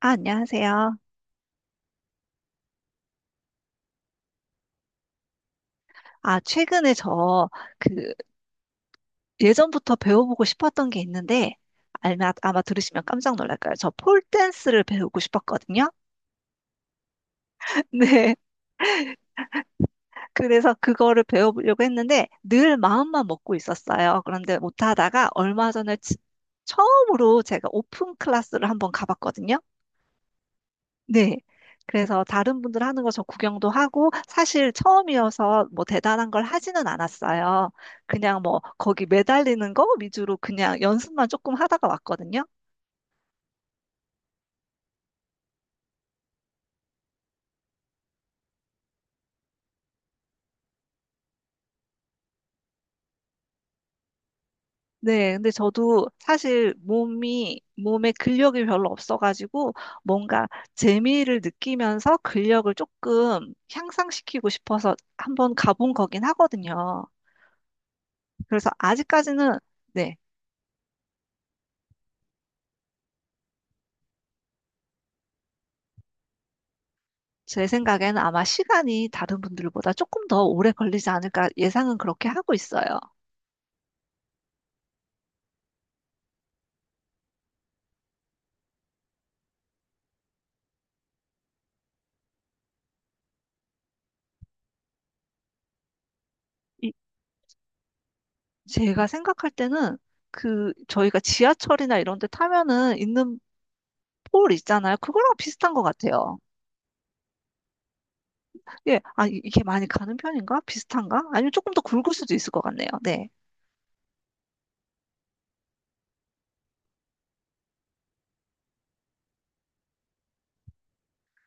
아, 안녕하세요. 아, 최근에 저, 그, 예전부터 배워보고 싶었던 게 있는데, 아마 들으시면 깜짝 놀랄 거예요. 저 폴댄스를 배우고 싶었거든요. 네. 그래서 그거를 배워보려고 했는데, 늘 마음만 먹고 있었어요. 그런데 못하다가 얼마 전에 처음으로 제가 오픈 클래스를 한번 가봤거든요. 네. 그래서 다른 분들 하는 거 저 구경도 하고 사실 처음이어서 뭐 대단한 걸 하지는 않았어요. 그냥 뭐 거기 매달리는 거 위주로 그냥 연습만 조금 하다가 왔거든요. 네. 근데 저도 사실 몸이 몸에 근력이 별로 없어가지고 뭔가 재미를 느끼면서 근력을 조금 향상시키고 싶어서 한번 가본 거긴 하거든요. 그래서 아직까지는 네. 제 생각에는 아마 시간이 다른 분들보다 조금 더 오래 걸리지 않을까 예상은 그렇게 하고 있어요. 이- 제가 생각할 때는 그 저희가 지하철이나 이런 데 타면은 있는 볼 있잖아요. 그거랑 비슷한 것 같아요. 예, 아, 이게 많이 가는 편인가? 비슷한가? 아니면 조금 더 굵을 수도 있을 것 같네요. 네.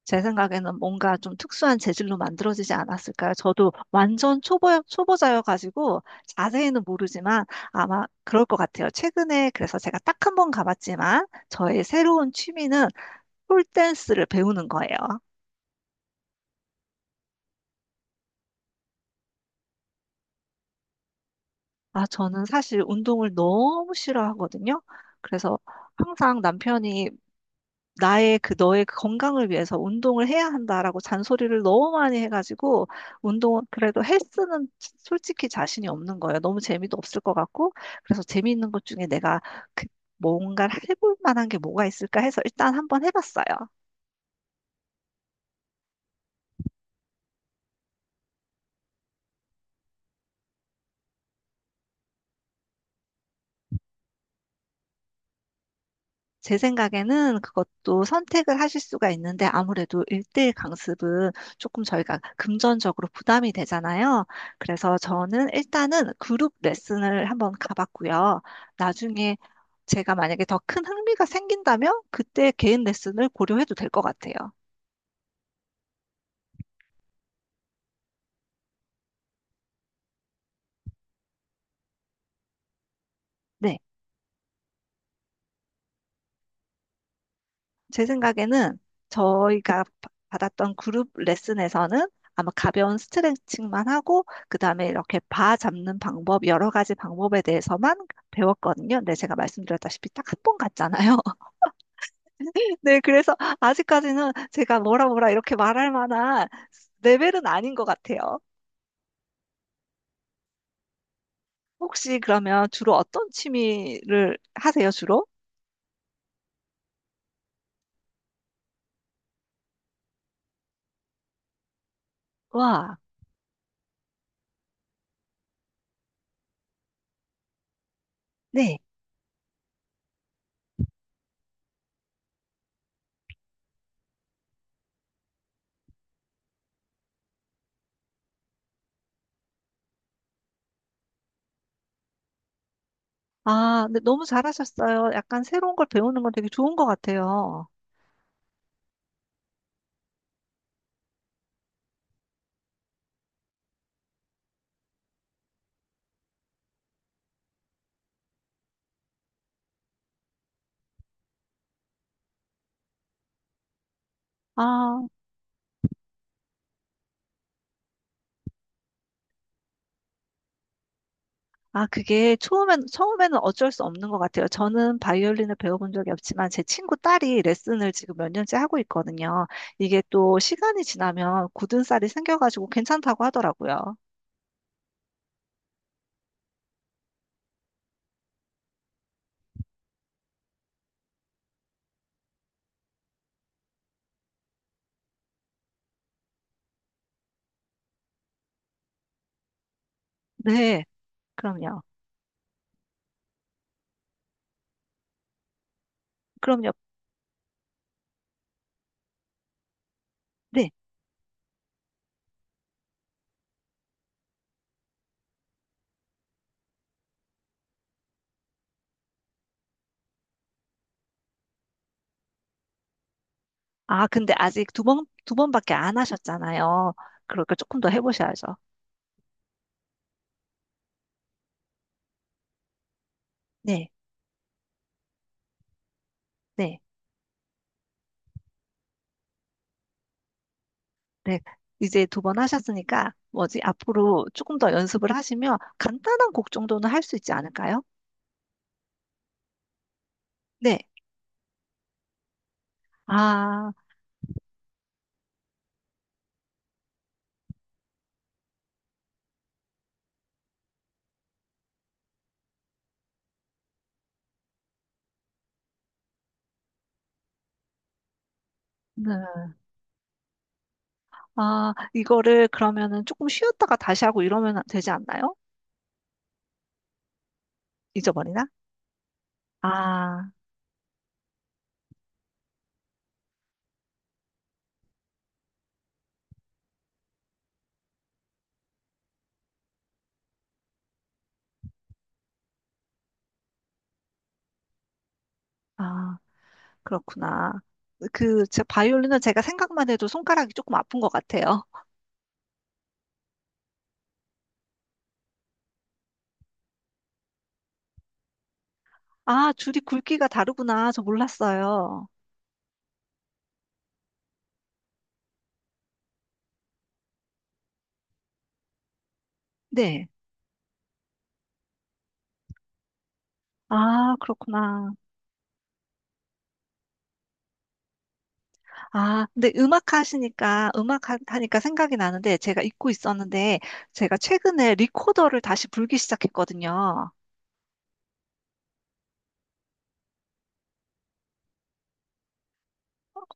제 생각에는 뭔가 좀 특수한 재질로 만들어지지 않았을까요? 저도 완전 초보자여가지고 자세히는 모르지만 아마 그럴 것 같아요. 최근에 그래서 제가 딱 한 번 가봤지만 저의 새로운 취미는 폴댄스를 배우는 거예요. 아, 저는 사실 운동을 너무 싫어하거든요. 그래서 항상 남편이 나의 그 너의 그 건강을 위해서 운동을 해야 한다라고 잔소리를 너무 많이 해가지고 운동 그래도 헬스는 솔직히 자신이 없는 거예요. 너무 재미도 없을 것 같고 그래서 재미있는 것 중에 내가 그 뭔가를 해볼 만한 게 뭐가 있을까 해서 일단 한번 해봤어요. 제 생각에는 그것도 선택을 하실 수가 있는데 아무래도 1:1 강습은 조금 저희가 금전적으로 부담이 되잖아요. 그래서 저는 일단은 그룹 레슨을 한번 가봤고요. 나중에 제가 만약에 더 큰 흥미가 생긴다면 그때 개인 레슨을 고려해도 될 것 같아요. 네. 제 생각에는 저희가 받았던 그룹 레슨에서는 아마 가벼운 스트레칭만 하고, 그 다음에 이렇게 바 잡는 방법, 여러 가지 방법에 대해서만 배웠거든요. 근데 제가 말씀드렸다시피 딱 한 번 갔잖아요. 네, 그래서 아직까지는 제가 뭐라 뭐라 이렇게 말할 만한 레벨은 아닌 것 같아요. 혹시 그러면 주로 어떤 취미를 하세요, 주로? 와, 네. 아, 근데 너무 잘하셨어요. 약간 새로운 걸 배우는 건 되게 좋은 것 같아요. 아. 아, 그게 처음에는 어쩔 수 없는 것 같아요. 저는 바이올린을 배워본 적이 없지만 제 친구 딸이 레슨을 지금 몇 년째 하고 있거든요. 이게 또 시간이 지나면 굳은 살이 생겨가지고 괜찮다고 하더라고요. 네, 그럼요. 그럼요. 네. 아, 근데 아직 두 번밖에 안 하셨잖아요. 그러니까 조금 더 해보셔야죠. 네, 네, 네. 이제 두 번 하셨으니까 뭐지? 앞으로 조금 더 연습을 하시면 간단한 곡 정도는 할 수 있지 않을까요? 네. 아, 네. 아, 이거를 그러면은 조금 쉬었다가 다시 하고 이러면 되지 않나요? 잊어버리나? 아, 아, 그렇구나. 그, 제 바이올린은 제가 생각만 해도 손가락이 조금 아픈 것 같아요. 아, 줄이 굵기가 다르구나. 저 몰랐어요. 네. 아, 그렇구나. 아, 근데 음악 하시니까, 음악 하니까 생각이 나는데, 제가 잊고 있었는데, 제가 최근에 리코더를 다시 불기 시작했거든요.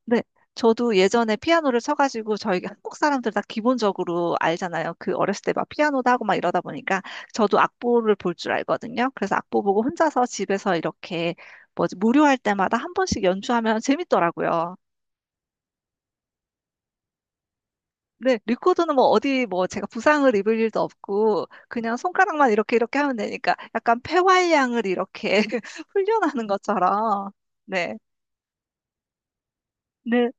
네, 저도 예전에 피아노를 쳐가지고 저희 한국 사람들 다 기본적으로 알잖아요. 그 어렸을 때 막 피아노도 하고 막 이러다 보니까 저도 악보를 볼 줄 알거든요. 그래서 악보 보고 혼자서 집에서 이렇게 뭐지 무료할 때마다 한 번씩 연주하면 재밌더라고요. 네, 리코더는 뭐 어디 뭐 제가 부상을 입을 일도 없고 그냥 손가락만 이렇게 이렇게 하면 되니까 약간 폐활량을 이렇게 훈련하는 것처럼 네. 네,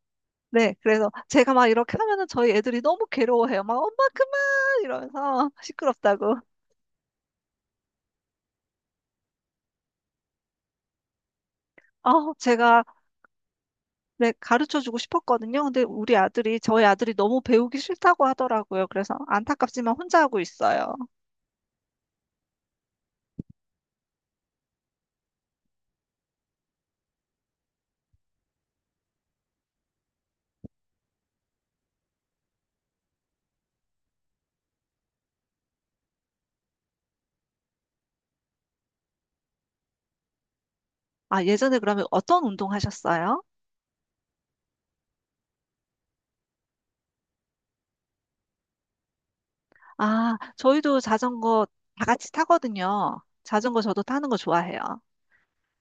네, 그래서 제가 막 이렇게 하면은 저희 애들이 너무 괴로워해요. 막 엄마 그만 이러면서 시끄럽다고. 어, 제가 네, 가르쳐 주고 싶었거든요. 근데 우리 아들이 저희 아들이 너무 배우기 싫다고 하더라고요. 그래서 안타깝지만 혼자 하고 있어요. 아, 예전에 그러면 어떤 운동 하셨어요? 아, 저희도 자전거 다 같이 타거든요. 자전거 저도 타는 거 좋아해요.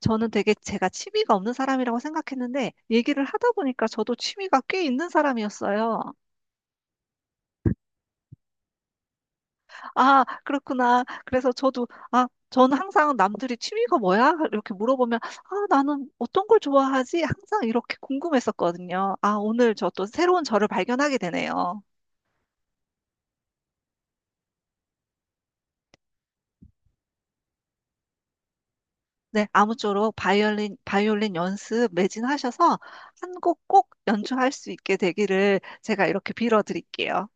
저는 되게 제가 취미가 없는 사람이라고 생각했는데 얘기를 하다 보니까 저도 취미가 꽤 있는 사람이었어요. 아, 그렇구나. 그래서 저도, 아, 저는 항상 남들이 취미가 뭐야? 이렇게 물어보면, 아, 나는 어떤 걸 좋아하지? 항상 이렇게 궁금했었거든요. 아, 오늘 저 또 새로운 저를 발견하게 되네요. 네, 아무쪼록 바이올린 연습 매진하셔서 한 곡 꼭 연주할 수 있게 되기를 제가 이렇게 빌어드릴게요.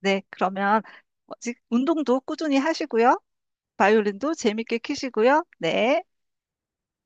네, 그러면 뭐지? 운동도 꾸준히 하시고요. 바이올린도 재밌게 키시고요. 네.